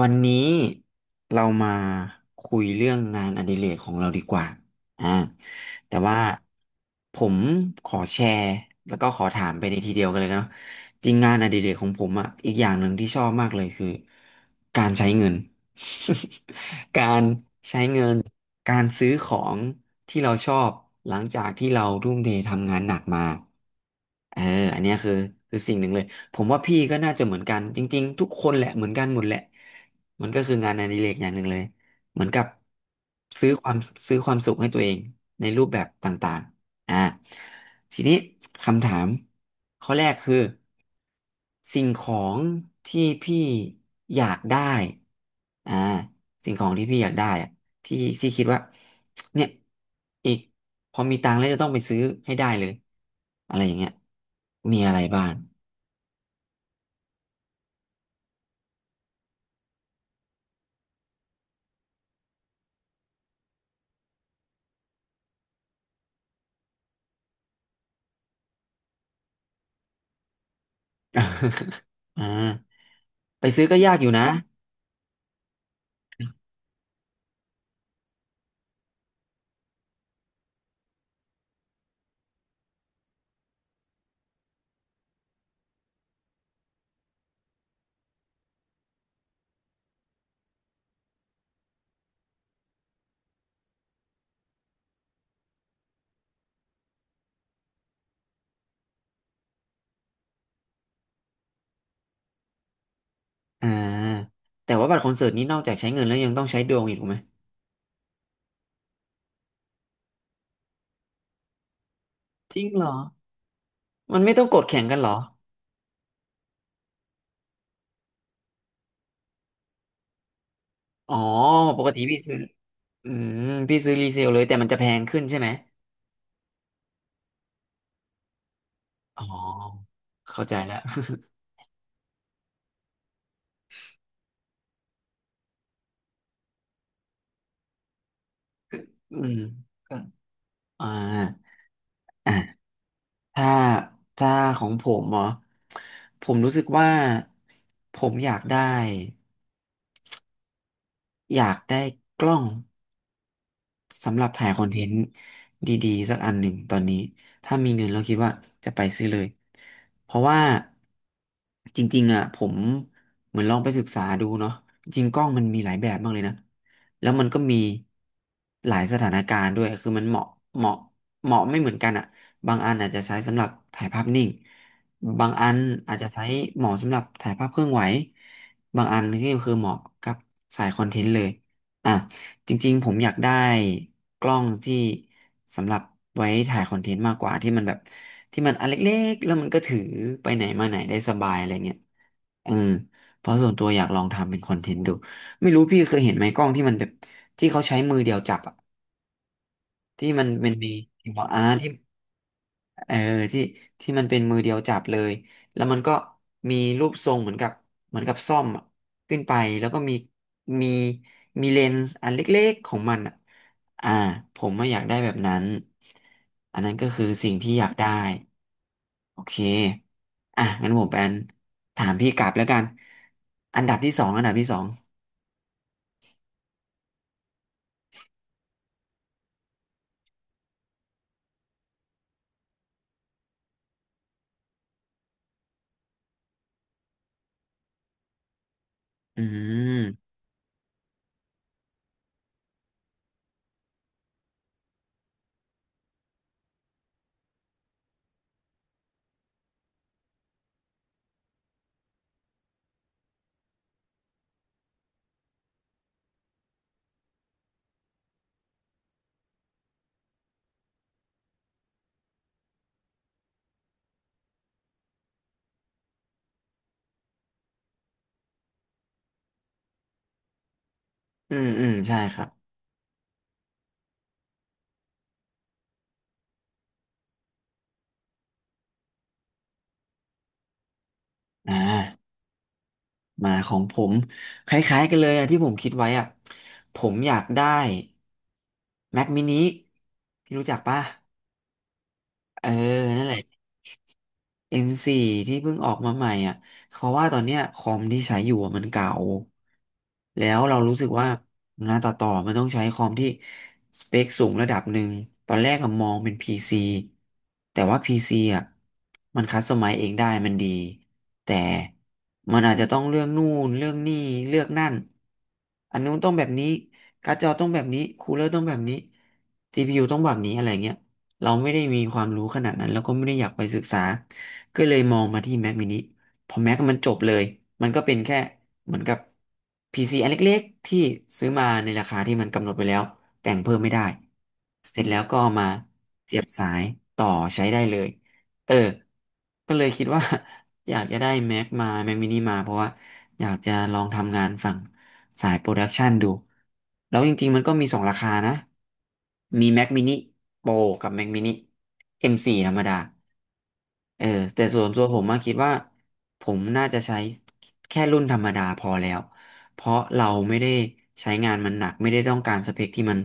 วันนี้เรามาคุยเรื่องงานอดิเรกของเราดีกว่าอ่า แต่ว่าผมขอแชร์แล้วก็ขอถามไปในทีเดียวกันเลยเนาะจริงงานอดิเรกของผมอ่ะอีกอย่างหนึ่งที่ชอบมากเลยคือการใช้เงิน การใช้เงิน การซื้อของที่เราชอบหลังจากที่เราทุ่มเททำงานหนักมาเอออันเนี้ยคือสิ่งหนึ่งเลย ผมว่าพี่ก็น่าจะเหมือนกันจริงๆทุกคนแหละเหมือนกันหมดแหละมันก็คืองานอดิเรกอย่างหนึ่งเลยเหมือนกับซื้อความซื้อความสุขให้ตัวเองในรูปแบบต่างๆทีนี้คำถามข้อแรกคือสิ่งของที่พี่อยากได้อ่าสิ่งของที่พี่อยากได้อะที่ที่คิดว่าเนี่ยอีกพอมีตังค์แล้วจะต้องไปซื้อให้ได้เลยอะไรอย่างเงี้ยมีอะไรบ้าง อ่าไปซื้อก็ยากอยู่นะอ่าแต่ว่าบัตรคอนเสิร์ตนี้นอกจากใช้เงินแล้วยังต้องใช้ดวงอีกถูกไหมจริงเหรอมันไม่ต้องกดแข่งกันเหรออ๋อปกติพี่ซื้ออืมพี่ซื้อรีเซลเลยแต่มันจะแพงขึ้นใช่ไหมอ๋อเข้าใจแล้ว อืมครับอ่าอ่าถ้าถ้าของผมเหรอผมรู้สึกว่าผมอยากได้กล้อง สำหรับถ่ายคอนเทนต์ดีๆสักอันหนึ่งตอนนี้ถ้ามีเงินเราคิดว่าจะไปซื้อเลยเพราะว่าจริงๆอ่ะผมเหมือนลองไปศึกษาดูเนาะจริงกล้องมันมีหลายแบบมากเลยนะแล้วมันก็มีหลายสถานการณ์ด้วยคือมันเหมาะเหมาะไม่เหมือนกันอ่ะบางอันอาจจะใช้สำหรับถ่ายภาพนิ่งบางอันอาจจะใช้เหมาะสำหรับถ่ายภาพเคลื่อนไหวบางอันนี่คือเหมาะกับสายคอนเทนต์เลยอ่ะ จริงๆผมอยากได้กล้องที่สำหรับไว้ถ่ายคอนเทนต์มากกว่าที่มันแบบที่มันอันเล็กๆแล้วมันก็ถือไปไหนมาไหนได้สบายอะไรเงี้ยเออเพราะส่วนตัวอยากลองทำเป็นคอนเทนต์ดูไม่รู้พี่เคยเห็นไหมกล้องที่มันแบบที่เขาใช้มือเดียวจับอะที่มันเป็นมีที่ เออที่ที่มันเป็นมือเดียวจับเลยแล้วมันก็มีรูปทรงเหมือนกับเหมือนกับซ่อมอะขึ้นไปแล้วก็มีมีเลนส์อันเล็กๆของมันอะอ่าผมไม่อยากได้แบบนั้นอันนั้นก็คือสิ่งที่อยากได้โอเคอ่ะงั้นผมเป็นถามพี่กลับแล้วกันอันดับที่สองอืมอืมอืมใช่ครับอ่า มาของผมคล้ายๆกันเลยอะที่ผมคิดไว้อะผมอยากได้ Mac mini พี่รู้จักป่ะเออนั่นแหละ M4 ที่เพิ่งออกมาใหม่อ่ะเพราะว่าตอนเนี้ยคอมที่ใช้อยู่อะมันเก่าแล้วเรารู้สึกว่างานตัดต่อมันต้องใช้คอมที่สเปคสูงระดับหนึ่งตอนแรกอะมองเป็นพีซ c แต่ว่าพีซ c อ่ะมันคัสตอมไมซ์เองได้มันดีแต่มันอาจจะต้องเรื่องนู่นเรื่องนี่เลือกนั่นอันนู้นต้องแบบนี้การ์ดจอต้องแบบนี้คูลเลอร์ต้องแบบนี้CPU ต้องแบบนี้อะไรเงี้ยเราไม่ได้มีความรู้ขนาดนั้นแล้วก็ไม่ได้อยากไปศึกษา ก็เลยมองมาที่ Mac mini พอ Mac มันจบเลย มันก็เป็นแค่เหมือนกับ PC อันเล็กๆที่ซื้อมาในราคาที่มันกำหนดไว้แล้วแต่งเพิ่มไม่ได้ เสร็จแล้วก็เอามาเสียบสายต่อใช้ได้เลย เออ ก็เลยคิดว่า อยากจะได้ Mac มา Mac mini มาเพราะว่าอยากจะลองทำงานฝั่งสายโปรดักชันดู แล้วจริงๆมันก็มีสองราคานะ มี Mac mini Pro กับ Mac mini M4 ธรรมดา เออแต่ส่วนตัวผมมาคิดว่าผมน่าจะใช้แค่รุ่นธรรมดาพอแล้วเพราะเราไม่ได้ใช้งานมันหนักไม่ได้ต้องการสเปคที่มัน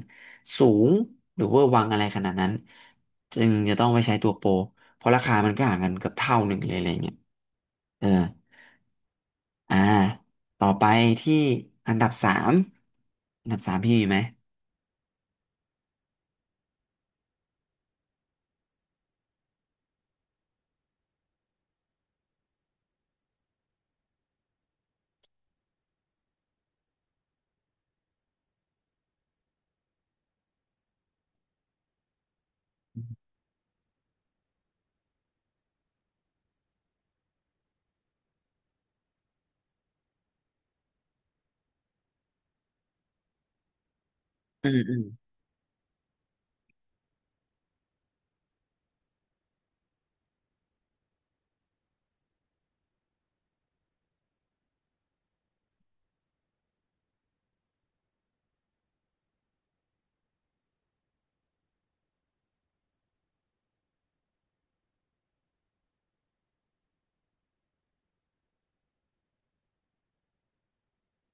สูงหรือเวอร์วังอะไรขนาดนั้นจึงจะต้องไปใช้ตัวโปรเพราะราคามันก็ห่างกันเกือบเท่าหนึ่งเลยอะไรเงี้ยเอออ่าต่อไปที่อันดับสามอันดับสามพี่มีไหมอืมอืม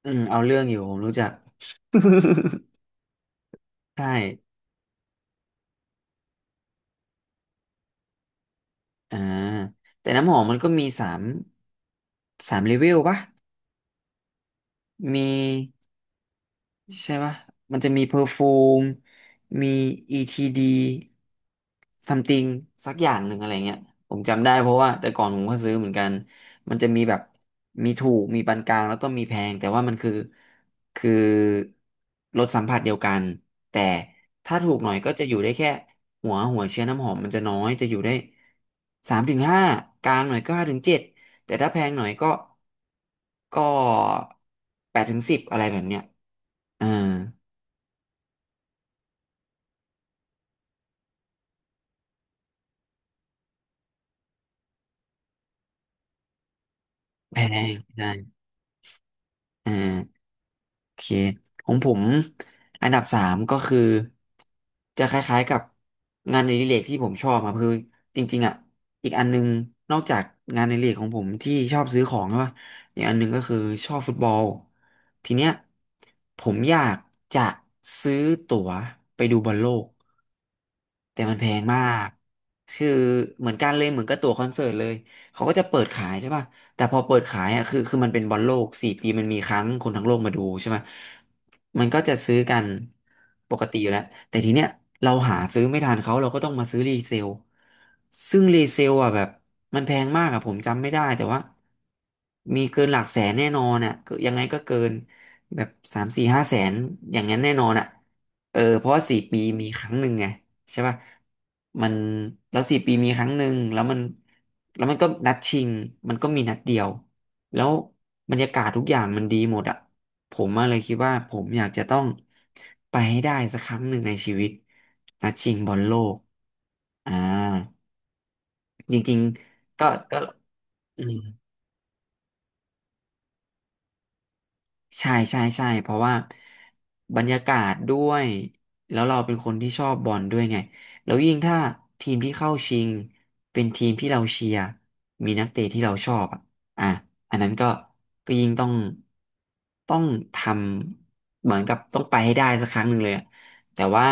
อืมเอาเรื่องอยู่ผมรู้จัก ใช่ อ่าแต่น้ำหอมมันก็มีสามเลเวลปะมี ใช่ปะมันจะมีเพอร์ฟูมมี ETD something สักอย่างหนึ่งอะไรเงี้ยผมจำได้เพราะว่าแต่ก่อนผมก็ซื้อเหมือนกัน มันจะมีแบบมีถูก มีปานกลางแล้วก็มีแพง แต่ว่ามันคือรสสัมผัสเดียวกัน แต่ถ้าถูกหน่อยก็จะอยู่ได้แค่หัวเชื้อน้ำหอมมันจะน้อย จะอยู่ได้สามถึงห้ากลางหน่อยก็ห้าถึงเจ็ดแต่ถ้าแพงหน่อยก็แปดถึงสิบอะไรแบบเนี้ย อ่าแพงได้อ่าโอเคของผมอันดับสามก็คือจะคล้ายๆกับงานในริเรกที่ผมชอบครับคือจริงๆอ่ะอีกอันนึงนอกจากงานในริเรกของผมที่ชอบซื้อของใช่ปะอีกอันนึงก็คือชอบฟุตบอลทีเนี้ยผมอยากจะซื้อตั๋วไปดูบอลโลก แต่มันแพงมากคือเหมือนกันเลยเหมือนกับตั๋วคอนเสิร์ตเลย เขาก็จะเปิดขายใช่ป่ะแต่พอเปิดขายอ่ะคือมันเป็นบอลโลกสี่ปีมันมีครั้งคนทั้งโลกมาดูใช่ไหมมันก็จะซื้อกันปกติอยู่แล้ว แต่ทีเนี้ยเราหาซื้อไม่ทันเขาเราก็ต้องมาซื้อรีเซลซึ่งรีเซลอ่ะแบบมันแพงมากอ่ะผมจำไม่ได้แต่ว่ามีเกินหลักแสนแน่นอนอ่ะก็ยังไงก็เกินแบบสามสี่ห้าแสนอย่างนั้นแน่นอนอ่ะ เออเพราะว่า4 ปีมีครั้งหนึ่งไงใช่ป่ะมันแล้วสี่ปีมีครั้งหนึ่งแล้วมันก็นัดชิงมันก็มีนัดเดียวแล้วบรรยากาศทุกอย่างมันดีหมดอ่ะผมมาเลยคิดว่าผมอยากจะต้องไปให้ได้สักครั้งหนึ่งในชีวิตนัดชิงบอลโลกอ่าจริงๆก็อืม ใช่ใช่ใช่เพราะว่าบรรยากาศด้วยแล้วเราเป็นคนที่ชอบบอลด้วยไงแล้วยิ่งถ้าทีมที่เข้าชิงเป็นทีมที่เราเชียร์มีนักเตะที่เราชอบอ่ะอันนั้นก็ยิ่งต้องทำเหมือนกับต้องไปให้ได้สักครั้งหนึ่งเลยอะแต่ว่า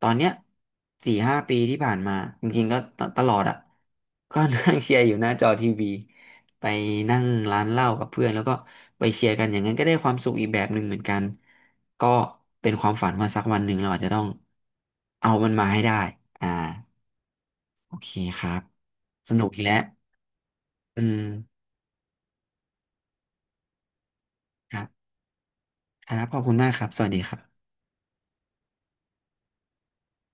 ตอนเนี้ย4-5 ปีที่ผ่านมาจริงๆก็ตลอดอ่ะก็นั่งเชียร์อยู่หน้าจอทีวี ไปนั่งร้านเหล้ากับเพื่อนแล้วก็ไปเชียร์กันอย่างนั้นก็ได้ความสุขอีกแบบหนึ่งเหมือนกันก็เป็นความฝันว่าสักวันหนึ่งเราอาจจะต้องเอามันมาให้ได้อ่าโอเคครับสนุกอีกแล้วอืมครับครับขอบคุณมากครับสวัสดีครับ